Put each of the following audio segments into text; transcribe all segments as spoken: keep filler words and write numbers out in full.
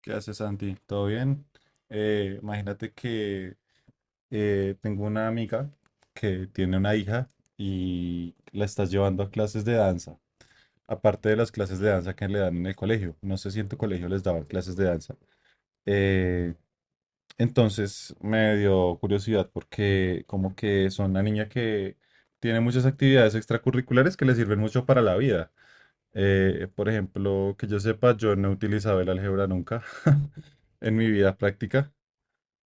¿Qué haces, Santi? ¿Todo bien? Eh, imagínate que eh, tengo una amiga que tiene una hija y la estás llevando a clases de danza, aparte de las clases de danza que le dan en el colegio. No sé si en tu colegio les daban clases de danza. Eh, entonces me dio curiosidad porque como que son una niña que tiene muchas actividades extracurriculares que le sirven mucho para la vida. Eh, por ejemplo, que yo sepa, yo no he utilizado el álgebra nunca en mi vida práctica.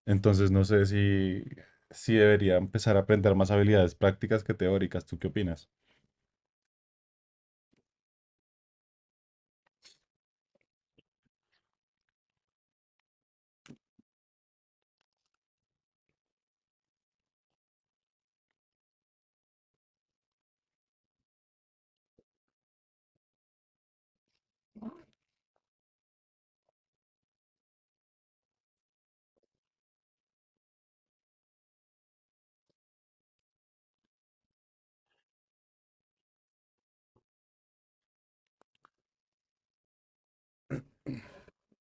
Entonces no sé si, si debería empezar a aprender más habilidades prácticas que teóricas. ¿Tú qué opinas?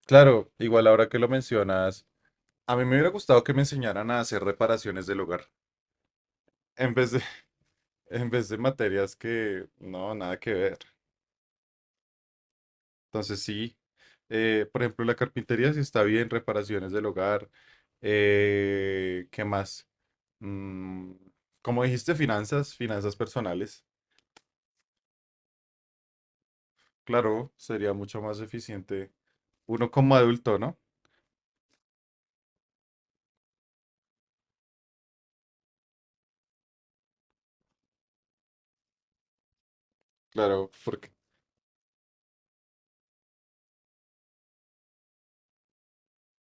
Claro, igual ahora que lo mencionas, a mí me hubiera gustado que me enseñaran a hacer reparaciones del hogar, en vez de, en vez de materias que no, nada que ver. Entonces sí, eh, por ejemplo, la carpintería sí está bien, reparaciones del hogar. Eh, ¿qué más? Mm, como dijiste, finanzas, finanzas personales. Claro, sería mucho más eficiente uno como adulto, ¿no? Claro, porque,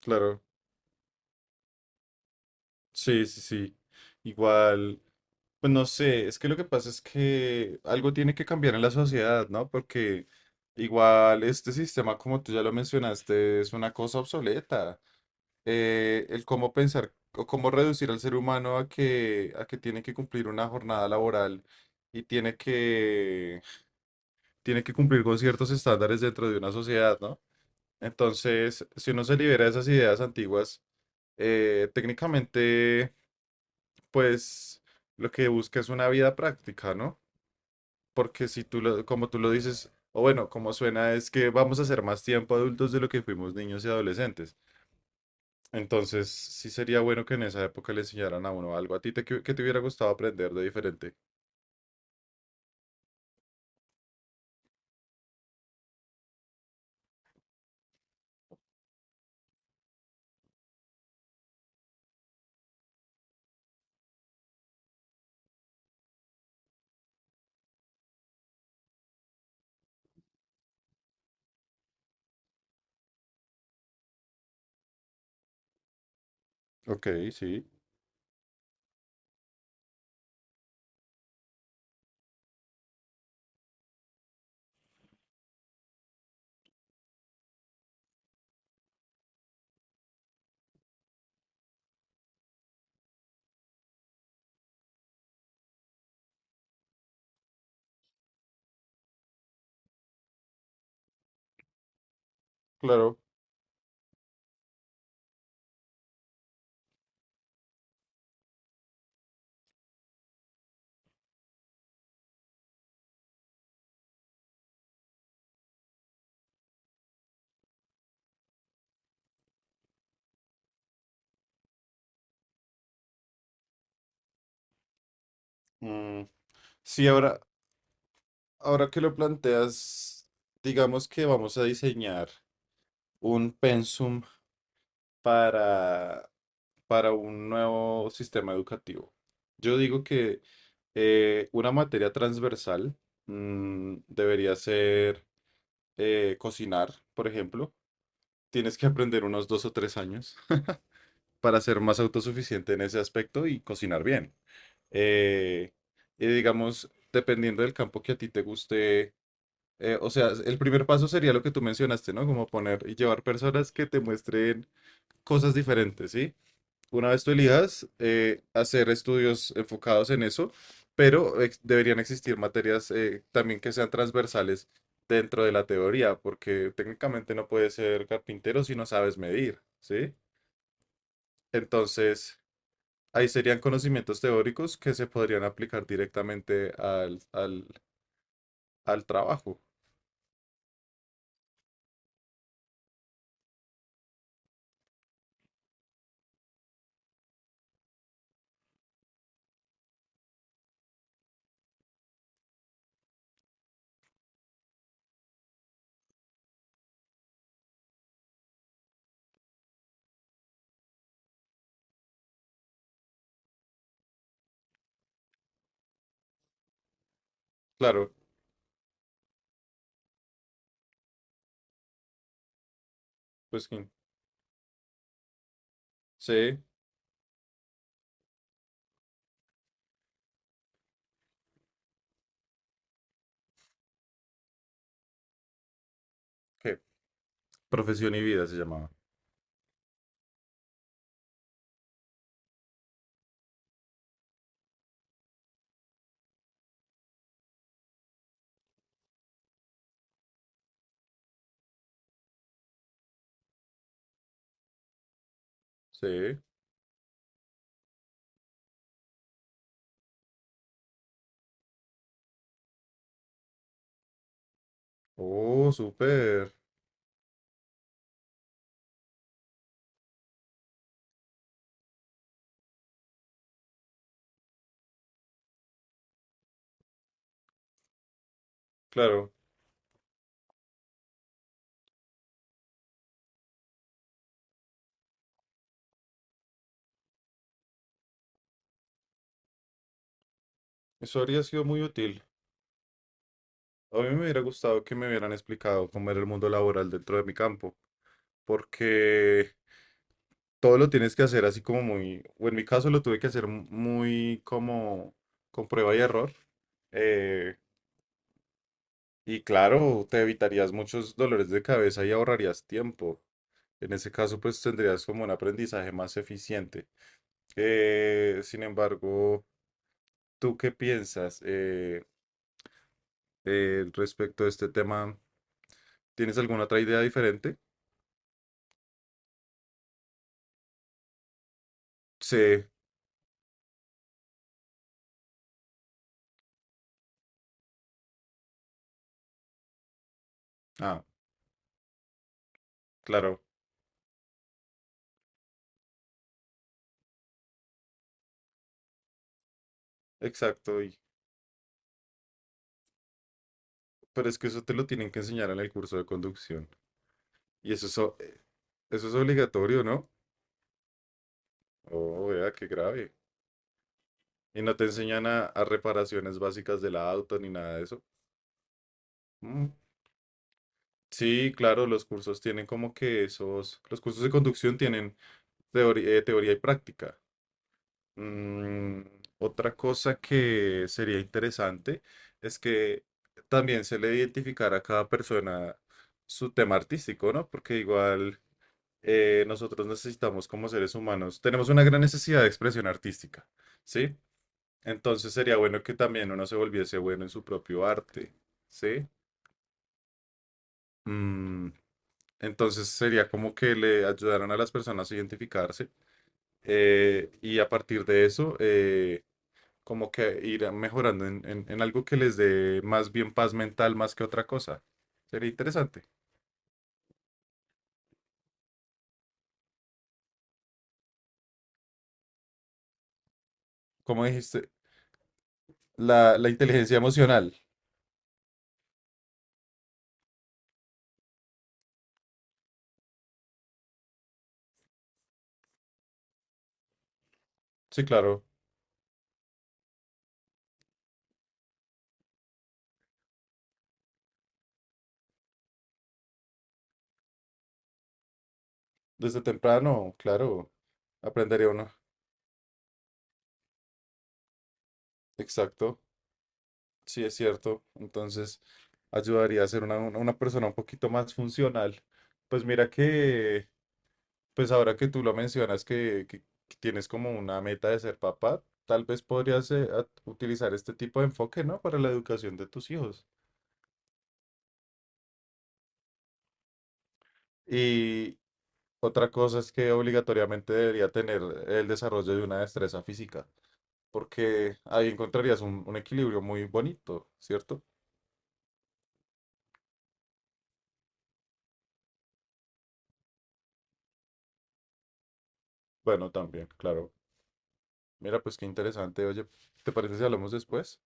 claro, sí, sí, sí. Igual, pues no sé, es que lo que pasa es que algo tiene que cambiar en la sociedad, ¿no? Porque igual este sistema, como tú ya lo mencionaste, es una cosa obsoleta. Eh, el cómo pensar o cómo reducir al ser humano a que, a que tiene que cumplir una jornada laboral y tiene que, tiene que cumplir con ciertos estándares dentro de una sociedad, ¿no? Entonces, si uno se libera de esas ideas antiguas, eh, técnicamente pues lo que busca es una vida práctica, ¿no? Porque si tú lo, como tú lo dices, o bueno, como suena es que vamos a ser más tiempo adultos de lo que fuimos niños y adolescentes. Entonces, sí sería bueno que en esa época le enseñaran a uno algo a ti te, que, te hubiera gustado aprender de diferente. Ok, sí, claro. Mm, sí, ahora, ahora que lo planteas, digamos que vamos a diseñar un pensum para para un nuevo sistema educativo. Yo digo que eh, una materia transversal mm, debería ser eh, cocinar, por ejemplo. Tienes que aprender unos dos o tres años para ser más autosuficiente en ese aspecto y cocinar bien. Eh, y digamos, dependiendo del campo que a ti te guste, eh, o sea, el primer paso sería lo que tú mencionaste, ¿no? Como poner y llevar personas que te muestren cosas diferentes, ¿sí? Una vez tú elijas eh, hacer estudios enfocados en eso, pero ex- deberían existir materias eh, también que sean transversales dentro de la teoría, porque técnicamente no puedes ser carpintero si no sabes medir, ¿sí? Entonces, ahí serían conocimientos teóricos que se podrían aplicar directamente al, al, al trabajo. Claro, pues sí, sí, ¿qué? Profesión y vida se llamaba. Sí. Oh, súper. Claro, eso habría sido muy útil. A mí me hubiera gustado que me hubieran explicado cómo era el mundo laboral dentro de mi campo, porque todo lo tienes que hacer así como muy, o en mi caso lo tuve que hacer muy como con prueba y error. eh, y claro, te evitarías muchos dolores de cabeza y ahorrarías tiempo. En ese caso, pues tendrías como un aprendizaje más eficiente. Eh, sin embargo, ¿tú qué piensas eh, eh, respecto a este tema? ¿Tienes alguna otra idea diferente? Sí. Ah. Claro, exacto. Y- pero es que eso te lo tienen que enseñar en el curso de conducción. Y eso es, o- eh, Eso es obligatorio, ¿no? Oh, vea, qué grave. Y no te enseñan a, a reparaciones básicas del auto ni nada de eso. Mm, sí, claro, los cursos tienen como que esos, los cursos de conducción tienen teori- eh, teoría y práctica. Mm, otra cosa que sería interesante es que también se le identificara a cada persona su tema artístico, ¿no? Porque igual... eh, nosotros necesitamos como seres humanos, tenemos una gran necesidad de expresión artística, ¿sí? Entonces sería bueno que también uno se volviese bueno en su propio arte, ¿sí? Mm, entonces sería como que le ayudaran a las personas a identificarse eh, y a partir de eso, eh, como que ir mejorando en, en- en algo que les dé más bien paz mental más que otra cosa. Sería interesante. Como dijiste, la, la inteligencia emocional. Sí, claro. Desde temprano, claro, aprendería uno. Exacto, sí es cierto. Entonces, ayudaría a ser una, una- una persona un poquito más funcional. Pues mira que, pues ahora que tú lo mencionas, que, que- que tienes como una meta de ser papá, tal vez podrías eh, a- utilizar este tipo de enfoque, ¿no? Para la educación de tus hijos. Y otra cosa es que obligatoriamente debería tener el desarrollo de una destreza física, porque ahí encontrarías un un equilibrio muy bonito, ¿cierto? Bueno, también, claro. Mira, pues qué interesante. Oye, ¿te parece si hablamos después?